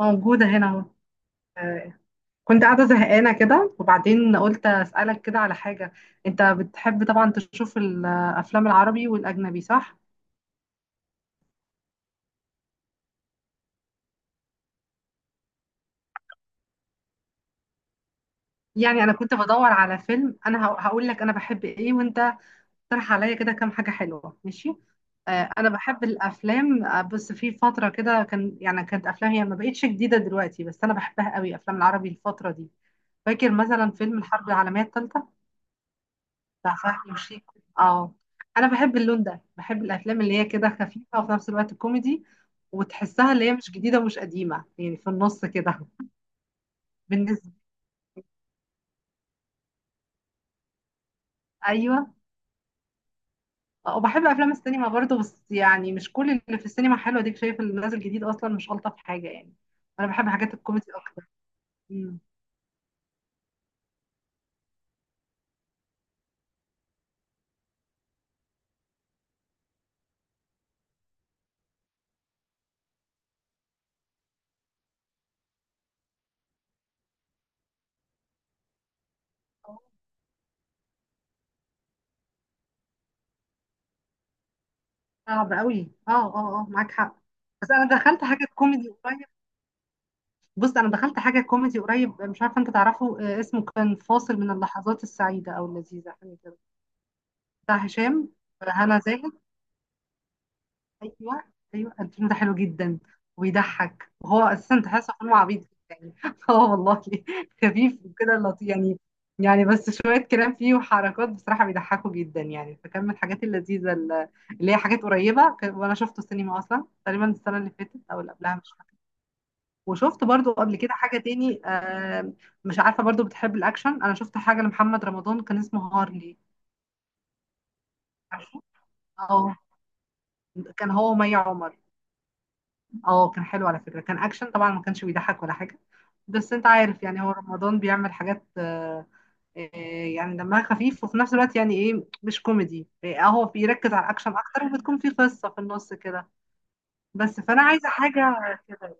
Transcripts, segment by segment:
موجودة هنا اهو. آه، كنت قاعدة زهقانة كده، وبعدين قلت أسألك كده على حاجة. أنت بتحب طبعا تشوف الأفلام العربي والأجنبي صح؟ يعني أنا كنت بدور على فيلم، أنا هقول لك أنا بحب إيه، وأنت اقترح عليا كده كام حاجة حلوة ماشي؟ أنا بحب الأفلام، بس في فترة كده كان يعني كانت أفلام هي ما بقتش جديدة دلوقتي، بس أنا بحبها قوي أفلام العربي الفترة دي. فاكر مثلا فيلم الحرب العالمية الثالثة بتاع فهمي وشيك. اه انا بحب اللون ده، بحب الافلام اللي هي كده خفيفه وفي نفس الوقت كوميدي، وتحسها اللي هي مش جديده ومش قديمه يعني في النص كده. بالنسبه ايوه. وبحب افلام السينما برضو، بس يعني مش كل اللي في السينما حلو، اديك شايف اللي نازل جديد اصلا مش الطف حاجه يعني. انا بحب حاجات الكوميدي اكتر. مم. صعب قوي، اه اه اه معاك حق. بس انا دخلت حاجه كوميدي قريب. بص انا دخلت حاجه كوميدي قريب، مش عارفه انت تعرفه، اسمه كان فاصل من اللحظات السعيده او اللذيذه حاجه كده. بتاع هشام، هنا زاهد. ايوه. ايوه الفيلم ده حلو جدا وبيضحك، وهو اساسا تحسه فيلم عبيط جدا يعني اه والله. خفيف وكده لطيف يعني. يعني بس شويه كلام فيه وحركات بصراحه بيضحكوا جدا يعني، فكان من الحاجات اللذيذه اللي هي حاجات قريبه وانا شفته السينما اصلا تقريبا السنه اللي فاتت او اللي قبلها مش فاكره. وشفت برضو قبل كده حاجه تاني، مش عارفه برضو بتحب الاكشن، انا شفت حاجه لمحمد رمضان كان اسمه هارلي. عارفه اه. كان هو ومي عمر. اه كان حلو على فكرة، كان اكشن طبعا ما كانش بيضحك ولا حاجة، بس انت عارف يعني هو رمضان بيعمل حاجات آه، يعني دمها خفيف وفي نفس الوقت يعني ايه مش كوميدي، هو بيركز على الاكشن اكتر وبتكون في قصة في النص كده. بس فانا عايزة حاجة كده.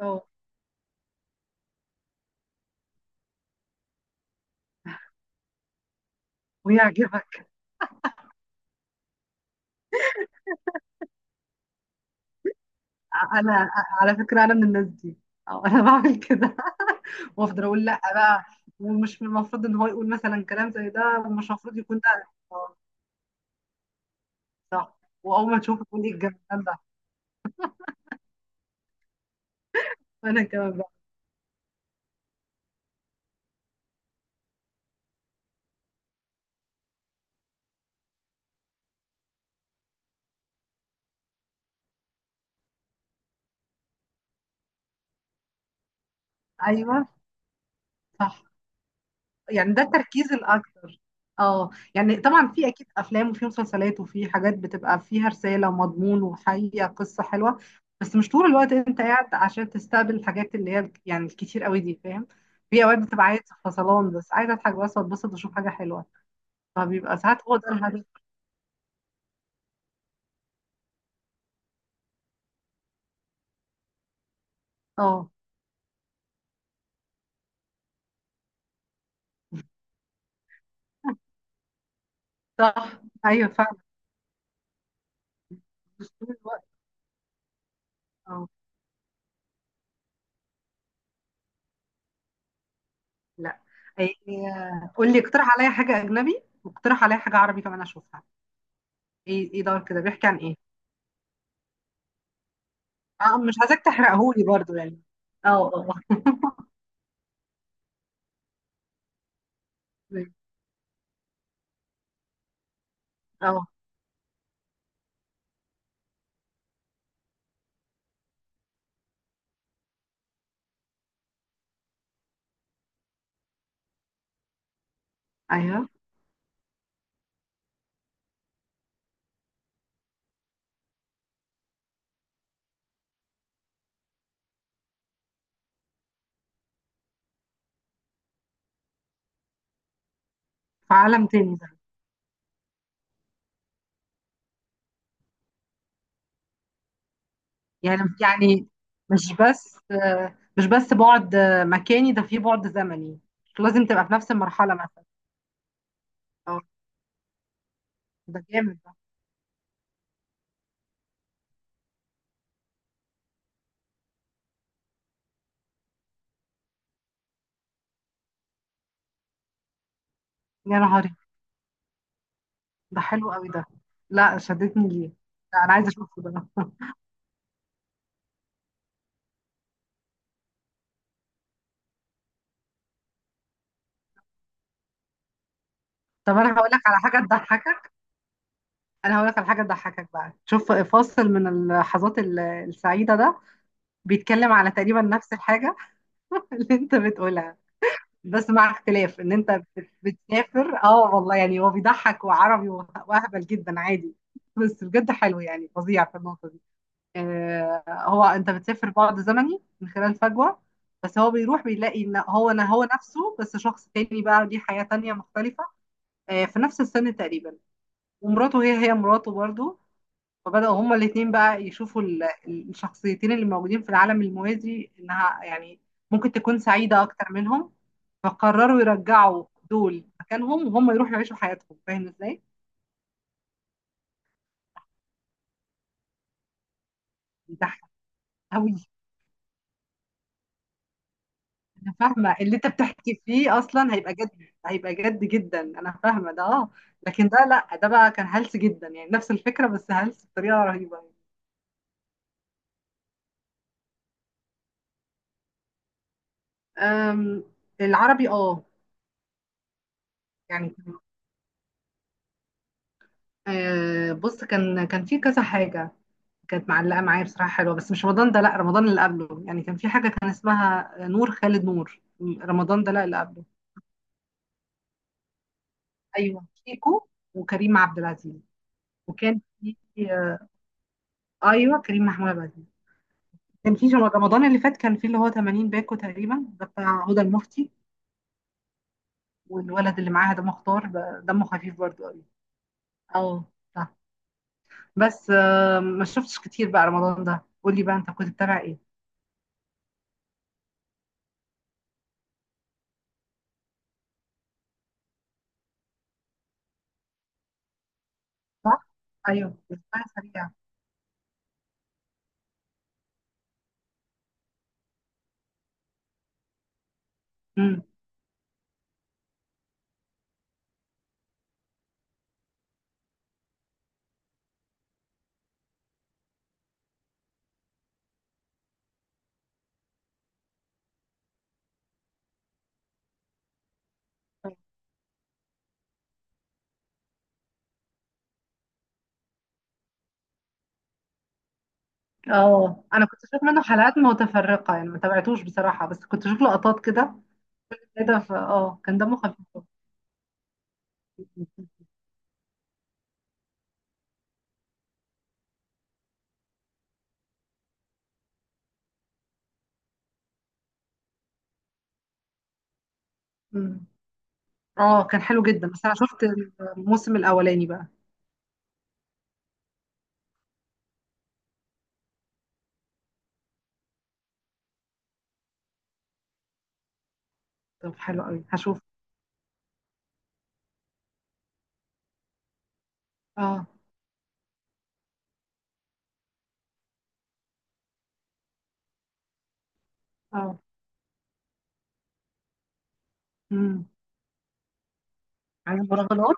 اه ويعجبك. انا على فكرة انا من الناس دي. اه انا بعمل كده وافضل اقول لا بقى، ومش من المفروض ان هو يقول مثلا كلام زي ده، ومش المفروض يكون ده اه. صح. واول ما تشوفه تقول ايه الجمال ده. وانا كمان بقى. ايوه صح، يعني ده التركيز الاكتر. اه يعني طبعا في اكيد افلام وفي مسلسلات وفي حاجات بتبقى فيها رساله ومضمون وحقيقه قصه حلوه، بس مش طول الوقت انت قاعد عشان تستقبل الحاجات اللي هي يعني الكتير قوي دي فاهم. في اوقات بتبقى عايز فصلان، بس عايز اضحك بس واتبسط واشوف حاجه حلوه، فبيبقى ساعات هو ده الهدف. اه صح ايوه فعلا، مش طول الوقت. اه لا يعني، قول لي اقترح عليا حاجه اجنبي، واقترح عليا حاجه عربي كمان اشوفها. ايه ايه دور كده بيحكي عن ايه؟ اه مش عايزاك تحرقهولي برضو يعني. اه اه اه آه، ايوه. في عالم تاني ده. يعني يعني مش بس مش بس بعد مكاني ده في بعد زمني، مش لازم تبقى في نفس المرحلة مثلا. اه ده جامد ده. يا نهاري، ده حلو قوي ده. لا شدتني ليه، لا انا عايزه اشوفه ده طب انا هقول لك على حاجه تضحكك. انا هقول لك على حاجه تضحكك بقى، شوف فاصل من اللحظات السعيده ده بيتكلم على تقريبا نفس الحاجه اللي انت بتقولها، بس مع اختلاف ان انت بتسافر اه والله، يعني هو بيضحك وعربي واهبل جدا عادي، بس بجد حلو يعني فظيع في النقطه دي. آه هو انت بتسافر بعد زمني من خلال فجوه، بس هو بيروح بيلاقي ان هو انا هو نفسه بس شخص تاني بقى ليه حياه تانيه مختلفه، آه في نفس السن تقريبا، ومراته هي هي مراته برضو، فبدأوا هما الاتنين بقى يشوفوا الشخصيتين اللي موجودين في العالم الموازي إنها يعني ممكن تكون سعيدة أكتر منهم، فقرروا يرجعوا دول مكانهم وهم يروحوا يعيشوا حياتهم فاهم ازاي؟ بيضحك أوي. أنا فاهمة اللي أنت بتحكي فيه أصلا هيبقى جد، هيبقى جد جدا، أنا فاهمة ده أه. لكن ده لأ، ده بقى كان هلس جدا، يعني نفس الفكرة بس هلس بطريقة رهيبة. أم. العربي أه. يعني بص كان في كذا حاجة كانت معلقة معايا بصراحة حلوة، بس مش رمضان ده، لا رمضان اللي قبله، يعني كان في حاجة كان اسمها نور خالد، نور رمضان ده لا اللي قبله. أيوه شيكو وكريم عبد العزيز. وكان في أيوه كريم محمود عبد العزيز. كان في رمضان اللي فات كان في اللي هو 80 باكو تقريبا ده بتاع هدى المفتي، والولد اللي معاها ده مختار ده دمه خفيف برضه قوي. اه صح. بس ما شفتش كتير بقى رمضان ده، قول لي بقى انت كنت بتتابع ايه. صح ايوه، بتتابع سريع. امم. اه انا كنت بشوف منه حلقات متفرقه، يعني ما تابعتوش بصراحه، بس كنت بشوف لقطات كده كده، ف اه كان دمه خفيف. أمم. اه كان حلو جدا، بس انا شفت الموسم الاولاني بقى. طب حلو قوي هشوف. اه اه. امم. عايز مراهنات.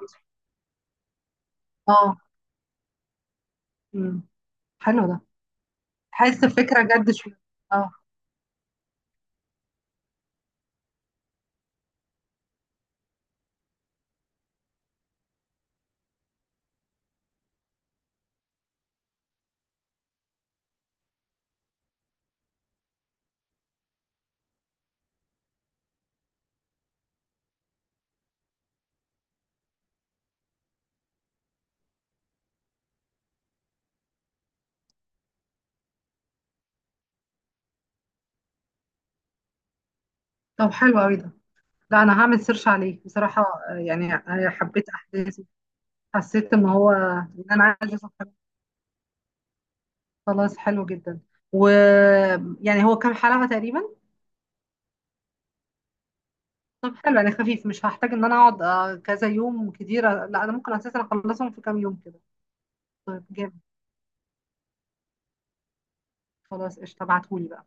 اه. امم. حلو ده. حاسس الفكره جد شويه. اه. طب حلو قوي ده. لا انا هعمل سيرش عليه بصراحه. يعني حبيت احداثه، حسيت ان هو ان انا عايزه اشوف. خلاص حلو جدا. ويعني هو كام حلقة تقريبا. طب حلو يعني خفيف، مش هحتاج ان انا اقعد كذا يوم كتير، لا انا ممكن اساسا اخلصهم في كام يوم كده. طيب جامد. خلاص قشطة ابعتهولي بقى.